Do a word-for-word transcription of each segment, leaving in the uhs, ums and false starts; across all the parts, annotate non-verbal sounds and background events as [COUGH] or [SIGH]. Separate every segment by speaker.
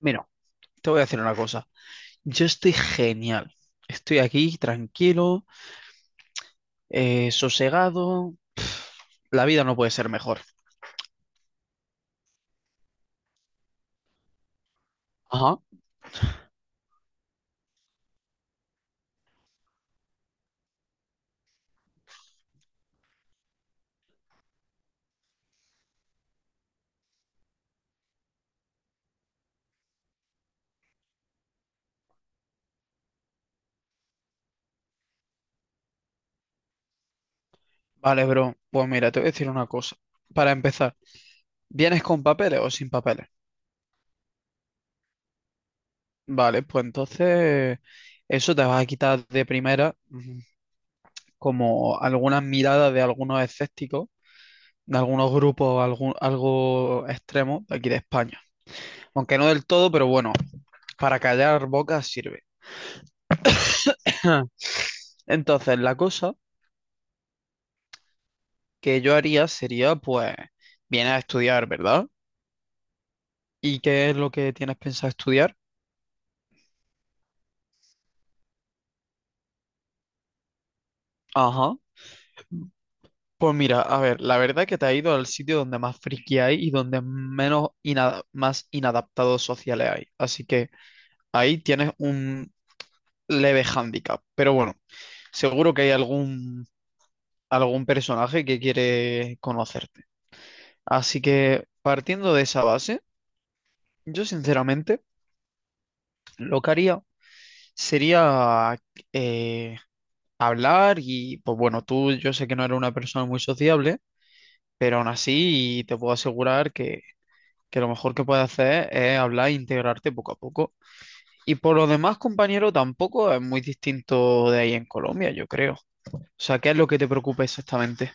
Speaker 1: Mira, te voy a decir una cosa. Yo estoy genial. Estoy aquí tranquilo, eh, sosegado. La vida no puede ser mejor. Ajá. Vale, bro. Pues mira, te voy a decir una cosa. Para empezar, ¿vienes con papeles o sin papeles? Vale, pues entonces eso te va a quitar de primera mm, como algunas miradas de algunos escépticos, de algunos grupos algún- algo extremos de aquí de España. Aunque no del todo, pero bueno, para callar bocas sirve. [CLEARS THROAT] Entonces, la cosa que yo haría sería, pues, vienes a estudiar, ¿verdad? ¿Y qué es lo que tienes pensado estudiar? Ajá. Pues mira, a ver, la verdad que te ha ido al sitio donde más friki hay y donde menos ina- más inadaptados sociales hay. Así que ahí tienes un leve hándicap. Pero bueno, seguro que hay algún, algún personaje que quiere conocerte. Así que partiendo de esa base, yo sinceramente lo que haría sería eh, hablar y pues bueno, tú yo sé que no eres una persona muy sociable, pero aún así te puedo asegurar que, que lo mejor que puedes hacer es hablar e integrarte poco a poco. Y por lo demás, compañero, tampoco es muy distinto de ahí en Colombia, yo creo. O sea, ¿qué es lo que te preocupa exactamente?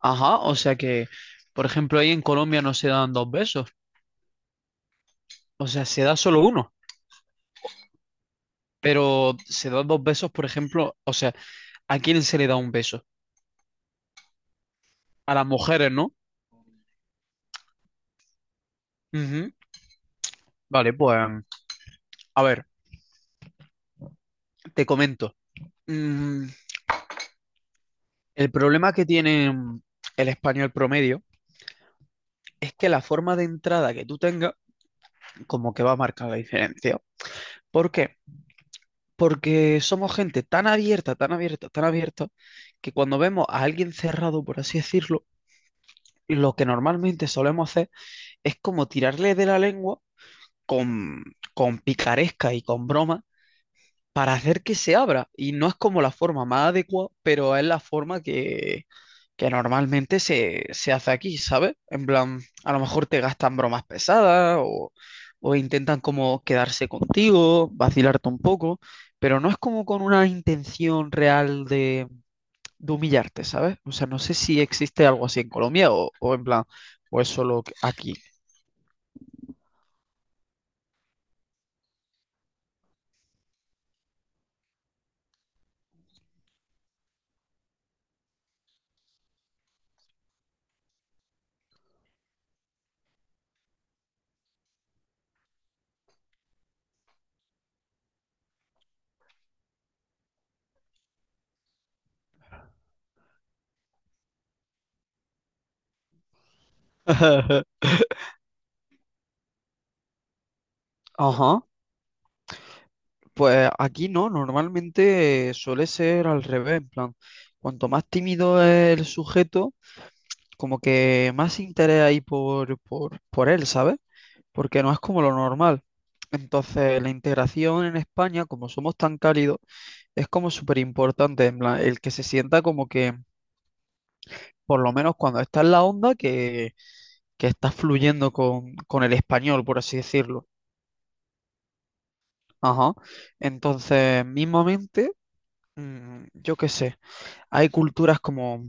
Speaker 1: Ajá, o sea que, por ejemplo, ahí en Colombia no se dan dos besos, o sea, se da solo uno, pero se dan dos besos, por ejemplo, o sea, ¿a quién se le da un beso? A las mujeres, ¿no? Ujú. Vale, pues, a ver, te comento. Mm, el problema que tiene mm, el español promedio es que la forma de entrada que tú tengas como que va a marcar la diferencia. ¿Por qué? Porque somos gente tan abierta, tan abierta, tan abierta, que cuando vemos a alguien cerrado, por así decirlo, lo que normalmente solemos hacer es como tirarle de la lengua con, con picaresca y con broma para hacer que se abra. Y no es como la forma más adecuada, pero es la forma que, que normalmente se, se hace aquí, ¿sabes? En plan, a lo mejor te gastan bromas pesadas o, o intentan como quedarse contigo, vacilarte un poco, pero no es como con una intención real de, de humillarte, ¿sabes? O sea, no sé si existe algo así en Colombia o, o en plan, o es solo aquí. [LAUGHS] Ajá. Pues aquí no, normalmente eh, suele ser al revés, en plan, cuanto más tímido es el sujeto, como que más interés hay por, por, por él, ¿sabes? Porque no es como lo normal. Entonces, la integración en España, como somos tan cálidos, es como súper importante, en plan, el que se sienta como que, por lo menos cuando está en la onda, que, que está fluyendo con, con el español, por así decirlo. Ajá. Entonces, mismamente, mm, yo qué sé. Hay culturas como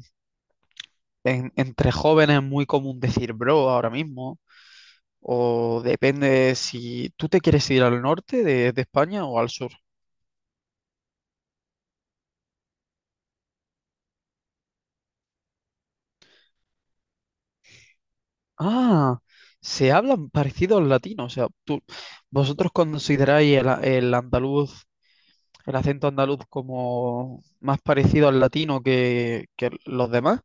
Speaker 1: en- entre jóvenes muy común decir bro ahora mismo, o depende si tú te quieres ir al norte de, de España o al sur. Ah, se hablan parecidos latinos, o sea, tú, vosotros consideráis el, a- el andaluz, el acento andaluz como más parecido al latino que, que los demás.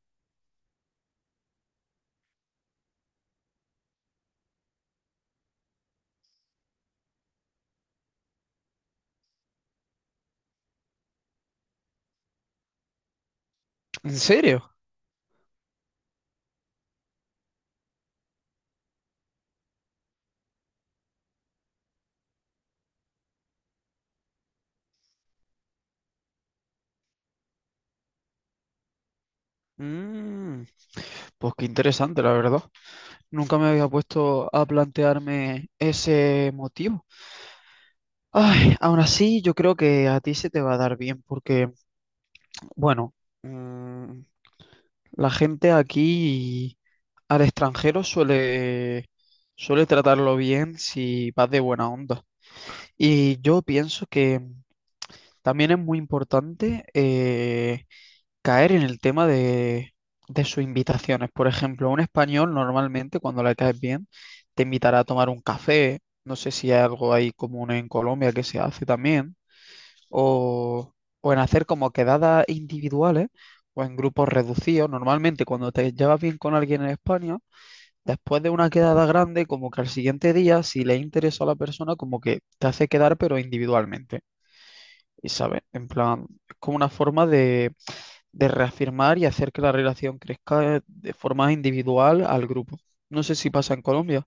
Speaker 1: ¿En serio? Mm, pues qué interesante, la verdad. Nunca me había puesto a plantearme ese motivo. Ay, aún así, yo creo que a ti se te va a dar bien porque, bueno, mm, la gente aquí al extranjero suele, suele tratarlo bien si vas de buena onda. Y yo pienso que también es muy importante eh, caer en el tema de, de sus invitaciones. Por ejemplo, un español normalmente cuando le caes bien te invitará a tomar un café. No sé si hay algo ahí común en Colombia que se hace también o, o en hacer como quedadas individuales o en grupos reducidos. Normalmente cuando te llevas bien con alguien en España, después de una quedada grande, como que al siguiente día, si le interesa a la persona, como que te hace quedar pero individualmente. Y sabes, en plan, es como una forma de, de reafirmar y hacer que la relación crezca de forma individual al grupo. No sé si pasa en Colombia.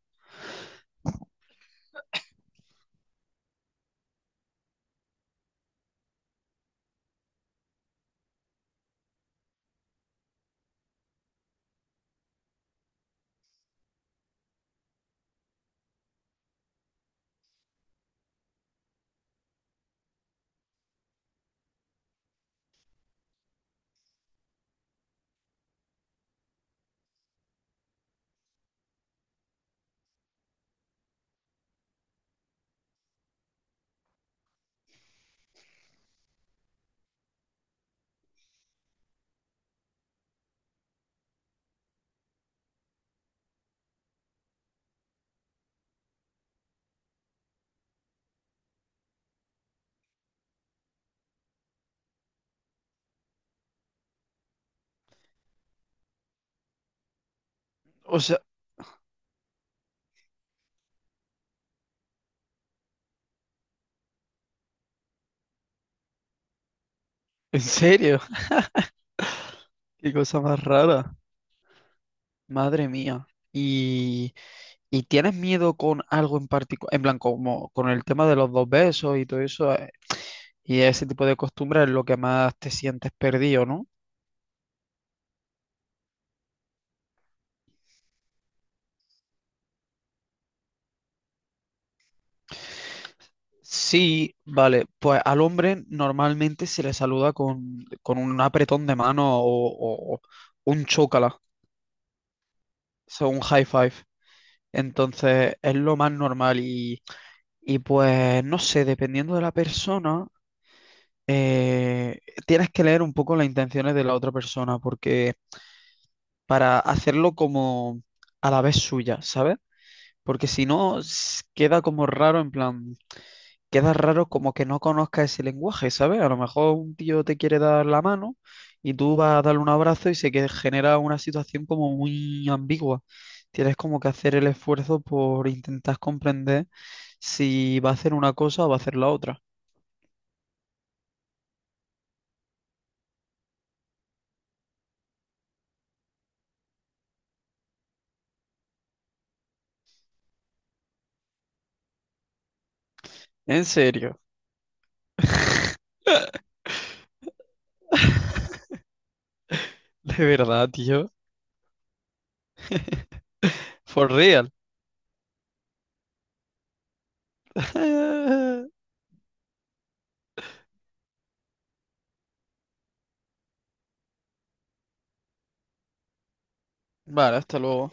Speaker 1: O sea, en serio, [LAUGHS] qué cosa más rara. Madre mía. Y ¿y tienes miedo con algo en particular? En plan, como con el tema de los dos besos y todo eso, eh, y ese tipo de costumbres es lo que más te sientes perdido, ¿no? Sí, vale, pues al hombre normalmente se le saluda con, con un apretón de mano o, o un chócala, o sea, un high five. Entonces es lo más normal y, y pues no sé, dependiendo de la persona, eh, tienes que leer un poco las intenciones de la otra persona porque para hacerlo como a la vez suya, ¿sabes? Porque si no, s- queda como raro, en plan, queda raro como que no conozca ese lenguaje, ¿sabes? A lo mejor un tío te quiere dar la mano y tú vas a darle un abrazo y se que genera una situación como muy ambigua. Tienes como que hacer el esfuerzo por intentar comprender si va a hacer una cosa o va a hacer la otra. En serio, [LAUGHS] de verdad, tío. For real. [LAUGHS] Vale, hasta luego.